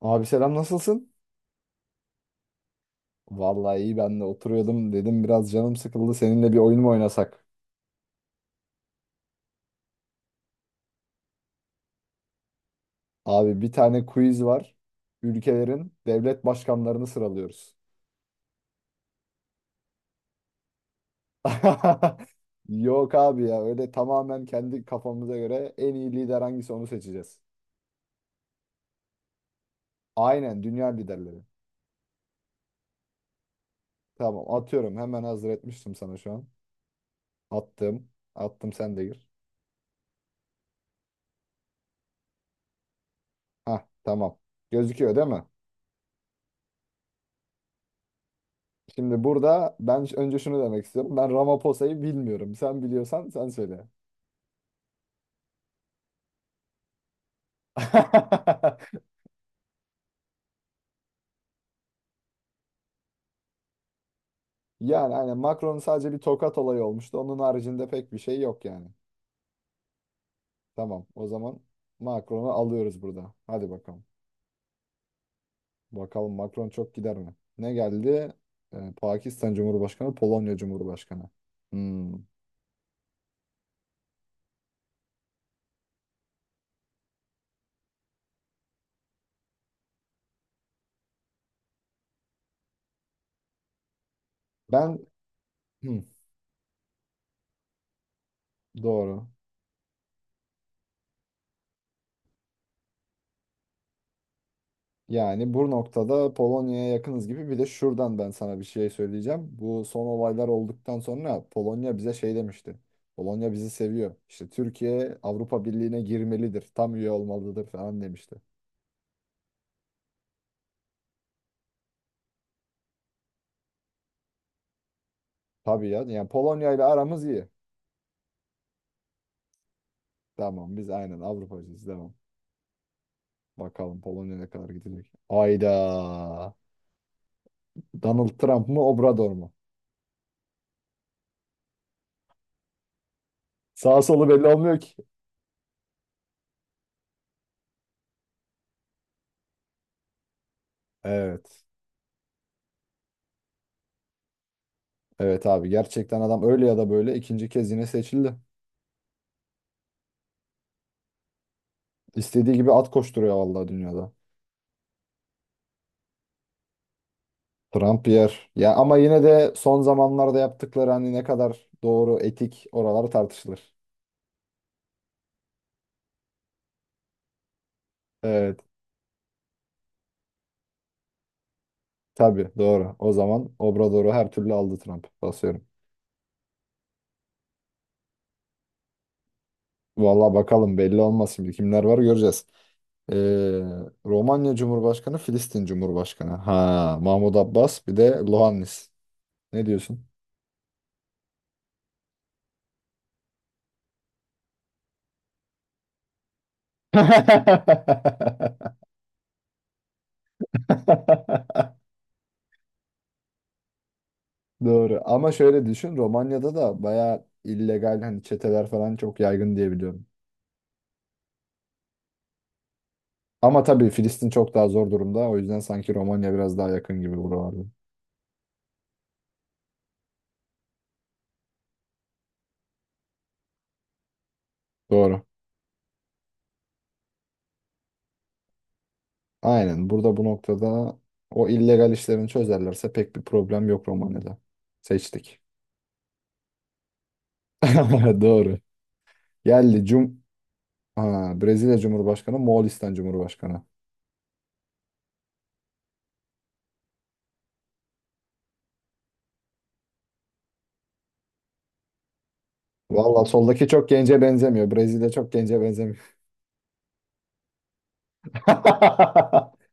Abi selam nasılsın? Vallahi iyi ben de oturuyordum dedim biraz canım sıkıldı seninle bir oyun mu oynasak? Abi bir tane quiz var. Ülkelerin devlet başkanlarını sıralıyoruz. Yok abi ya öyle tamamen kendi kafamıza göre en iyi lider hangisi onu seçeceğiz. Aynen dünya liderleri. Tamam atıyorum hemen hazır etmiştim sana şu an. Attım. Attım sen de gir. Hah tamam. Gözüküyor değil mi? Şimdi burada ben önce şunu demek istiyorum. Ben Ramaphosa'yı bilmiyorum. Sen biliyorsan sen söyle. Yani aynen Macron'un sadece bir tokat olayı olmuştu. Onun haricinde pek bir şey yok yani. Tamam o zaman Macron'u alıyoruz burada. Hadi bakalım. Bakalım Macron çok gider mi? Ne geldi? Pakistan Cumhurbaşkanı, Polonya Cumhurbaşkanı. Hmm. Ben Hı, doğru. Yani bu noktada Polonya'ya yakınız gibi bir de şuradan ben sana bir şey söyleyeceğim. Bu son olaylar olduktan sonra Polonya bize şey demişti. Polonya bizi seviyor. İşte Türkiye Avrupa Birliği'ne girmelidir. Tam üye olmalıdır falan demişti. Tabii ya. Yani Polonya ile aramız iyi. Tamam biz aynen Avrupacıyız. Tamam. Bakalım Polonya ne kadar gidecek. Ayda. Donald Trump mı Obrador mu? Sağ solu belli olmuyor ki. Evet. Evet abi gerçekten adam öyle ya da böyle ikinci kez yine seçildi. İstediği gibi at koşturuyor vallahi dünyada. Trump yer. Ya ama yine de son zamanlarda yaptıkları hani ne kadar doğru, etik oralar tartışılır. Evet. Tabii doğru. O zaman Obrador'u her türlü aldı Trump. Basıyorum. Vallahi bakalım belli olmaz şimdi kimler var göreceğiz. Ee, Romanya Cumhurbaşkanı, Filistin Cumhurbaşkanı. Ha, Mahmut Abbas bir de Lohannis. Ne diyorsun? Doğru. Ama şöyle düşün, Romanya'da da bayağı illegal hani çeteler falan çok yaygın diye biliyorum. Ama tabii Filistin çok daha zor durumda. O yüzden sanki Romanya biraz daha yakın gibi buralarda. Doğru. Aynen. Burada bu noktada o illegal işlerini çözerlerse pek bir problem yok Romanya'da. Seçtik. Doğru. Geldi. Brezilya Cumhurbaşkanı, Moğolistan Cumhurbaşkanı. Valla soldaki çok gence benzemiyor. Brezilya çok gence benzemiyor.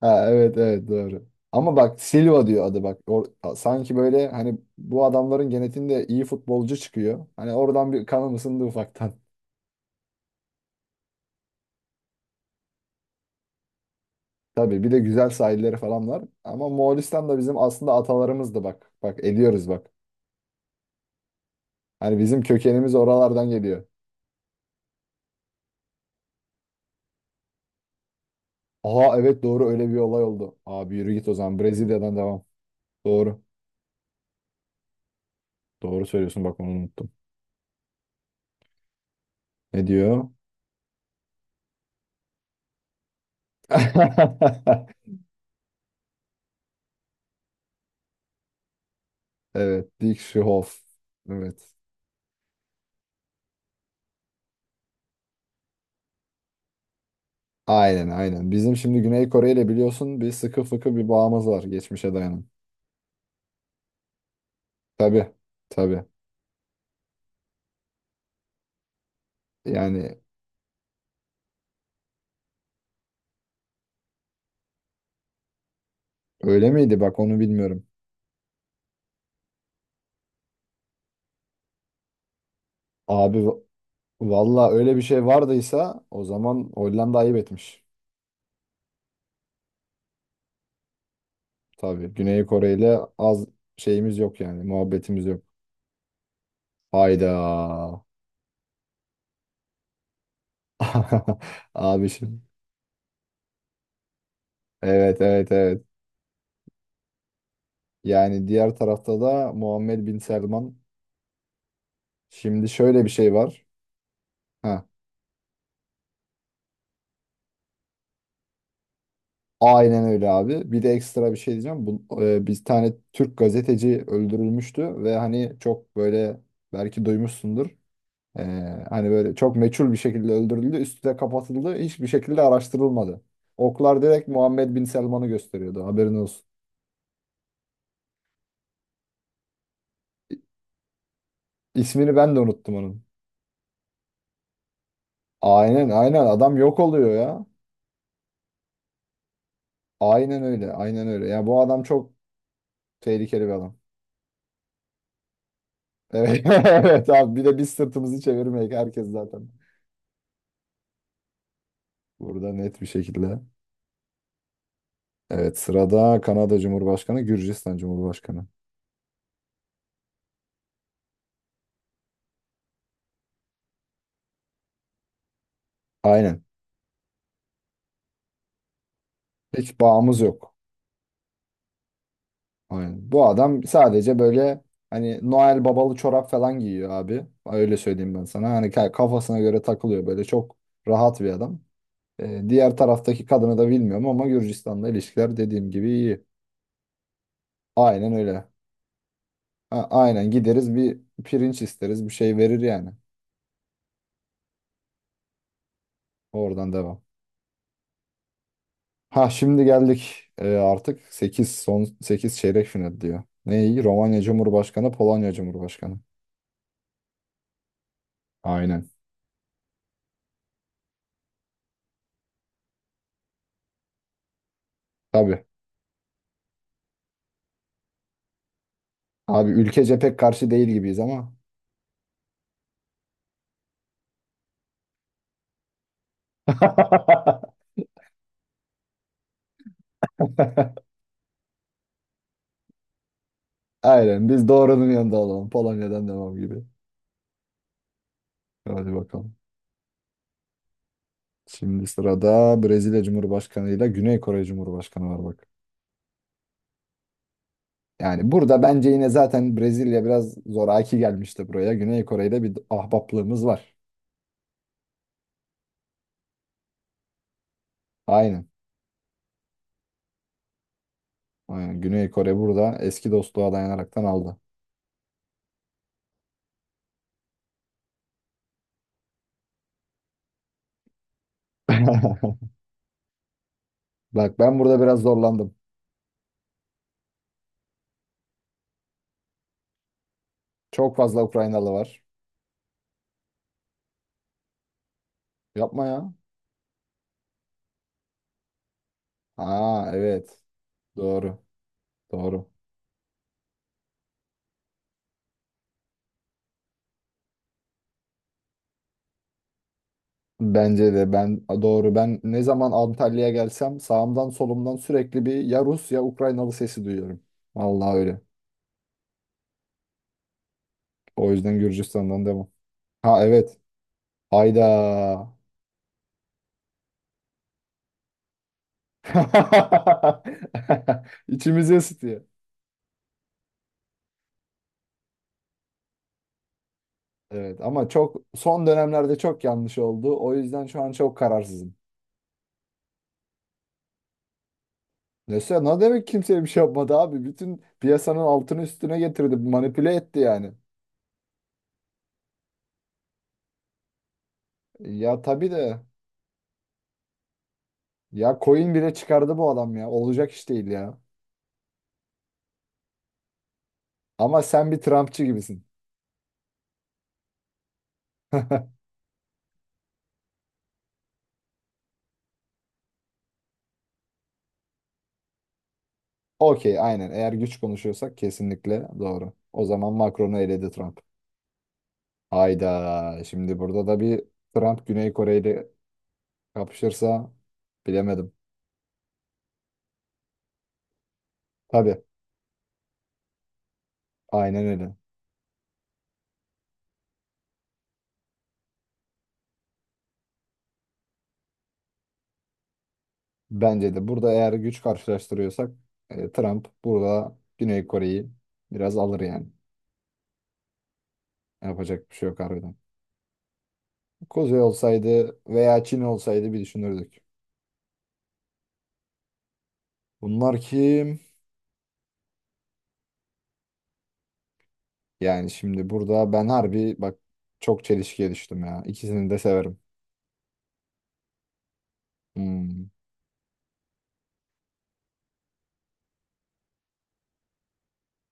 Ha, evet evet doğru. Ama bak Silva diyor adı bak. Sanki böyle hani bu adamların genetiğinde iyi futbolcu çıkıyor. Hani oradan bir kanım ısındı ufaktan. Tabii bir de güzel sahilleri falan var. Ama Moğolistan da bizim aslında atalarımızdı bak. Bak ediyoruz bak. Hani bizim kökenimiz oralardan geliyor. Aha evet doğru öyle bir olay oldu. Abi yürü git o zaman Brezilya'dan devam. Doğru. Doğru söylüyorsun bak onu unuttum. Ne diyor? Evet Dick Schhoff. Evet. Aynen aynen. Bizim şimdi Güney Kore ile biliyorsun bir sıkı fıkı bir bağımız var geçmişe dayanan. Tabii tabii. Yani öyle miydi bak onu bilmiyorum. Abi va- Valla öyle bir şey vardıysa o zaman Hollanda ayıp etmiş. Tabii Güney Kore ile az şeyimiz yok yani muhabbetimiz yok. Hayda. Abi şimdi. Evet evet evet. Yani diğer tarafta da Muhammed Bin Selman. Şimdi şöyle bir şey var. Heh. Aynen öyle abi. Bir de ekstra bir şey diyeceğim. Bir tane Türk gazeteci öldürülmüştü ve hani çok böyle belki duymuşsundur. E, Hani böyle çok meçhul bir şekilde öldürüldü. Üstü de kapatıldı. Hiçbir şekilde araştırılmadı. Oklar direkt Muhammed Bin Selman'ı gösteriyordu. Haberin olsun. İ- İsmini ben de unuttum onun. Aynen aynen adam yok oluyor ya. Aynen öyle aynen öyle. Ya bu adam çok tehlikeli bir adam. Evet, evet abi bir de biz sırtımızı çevirmeyek herkes zaten. Burada net bir şekilde. Evet sırada Kanada Cumhurbaşkanı, Gürcistan Cumhurbaşkanı. Aynen. Hiç bağımız yok. Aynen. Bu adam sadece böyle hani Noel babalı çorap falan giyiyor abi. Öyle söyleyeyim ben sana. Hani kafasına göre takılıyor böyle çok rahat bir adam. Diğer taraftaki kadını da bilmiyorum ama Gürcistan'la ilişkiler dediğim gibi iyi. Aynen öyle. Ha, aynen gideriz bir pirinç isteriz bir şey verir yani. Oradan devam. Ha şimdi geldik. Artık 8 son 8 çeyrek final diyor. Neyi? Romanya Cumhurbaşkanı, Polonya Cumhurbaşkanı. Aynen. Tabii. Abi ülkece pek karşı değil gibiyiz ama. Aynen biz doğrunun yanında olalım. Polonya'dan devam gibi. Hadi bakalım. Şimdi sırada Brezilya Cumhurbaşkanı ile Güney Kore Cumhurbaşkanı var bak. Yani burada bence yine zaten Brezilya biraz zoraki gelmişti buraya. Güney Kore ile bir ahbaplığımız var. Aynen. Aynen. Güney Kore burada eski dostluğa dayanaraktan aldı. Bak ben burada biraz zorlandım. Çok fazla Ukraynalı var. Yapma ya. Aa evet. Doğru. Doğru. Bence de ben doğru. Ben ne zaman Antalya'ya gelsem sağımdan solumdan sürekli bir ya Rus ya Ukraynalı sesi duyuyorum. Vallahi öyle. O yüzden Gürcistan'dan demem. Ha evet. Hayda. İçimizi ısıtıyor. Evet ama çok son dönemlerde çok yanlış oldu. O yüzden şu an çok kararsızım. Neyse ne demek kimseye bir şey yapmadı abi. Bütün piyasanın altını üstüne getirdi. Manipüle etti yani. Ya tabii de. Ya coin bile çıkardı bu adam ya. Olacak iş değil ya. Ama sen bir Trumpçı gibisin. Okey aynen. Eğer güç konuşuyorsak kesinlikle doğru. O zaman Macron'u eledi Trump. Hayda. Şimdi burada da bir Trump Güney Kore ile kapışırsa bilemedim. Tabii. Aynen öyle. Bence de burada eğer güç karşılaştırıyorsak Trump burada Güney Kore'yi biraz alır yani. Yapacak bir şey yok harbiden. Kuzey olsaydı veya Çin olsaydı bir düşünürdük. Bunlar kim? Yani şimdi burada ben harbi bak çok çelişkiye düştüm ya. İkisini de severim. Hmm,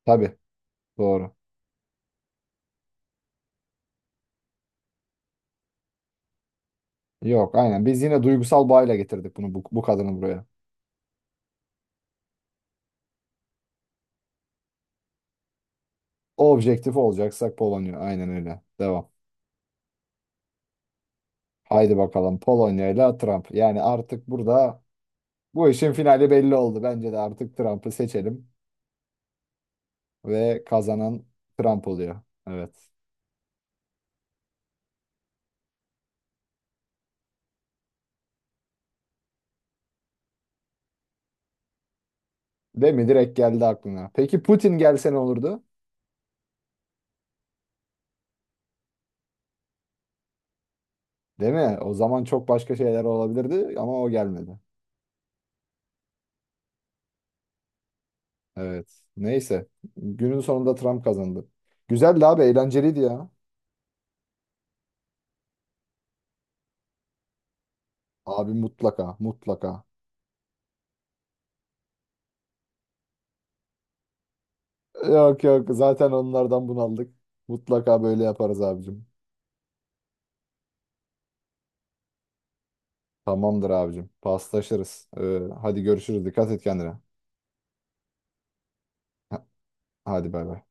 tabii doğru. Yok aynen biz yine duygusal bağıyla getirdik bu kadını buraya. Objektif olacaksak Polonya aynen öyle. Devam. Haydi bakalım Polonya ile Trump. Yani artık burada bu işin finali belli oldu. Bence de artık Trump'ı seçelim ve kazanan Trump oluyor. Evet. Değil mi? Direkt geldi aklına. Peki Putin gelse ne olurdu? Değil mi? O zaman çok başka şeyler olabilirdi ama o gelmedi. Evet. Neyse. Günün sonunda Trump kazandı. Güzeldi abi, eğlenceliydi ya. Abi mutlaka, mutlaka. Yok yok, zaten onlardan bunaldık. Mutlaka böyle yaparız abicim. Tamamdır abicim. Paslaşırız. Hadi görüşürüz. Dikkat et kendine. Ha- Hadi bay bay.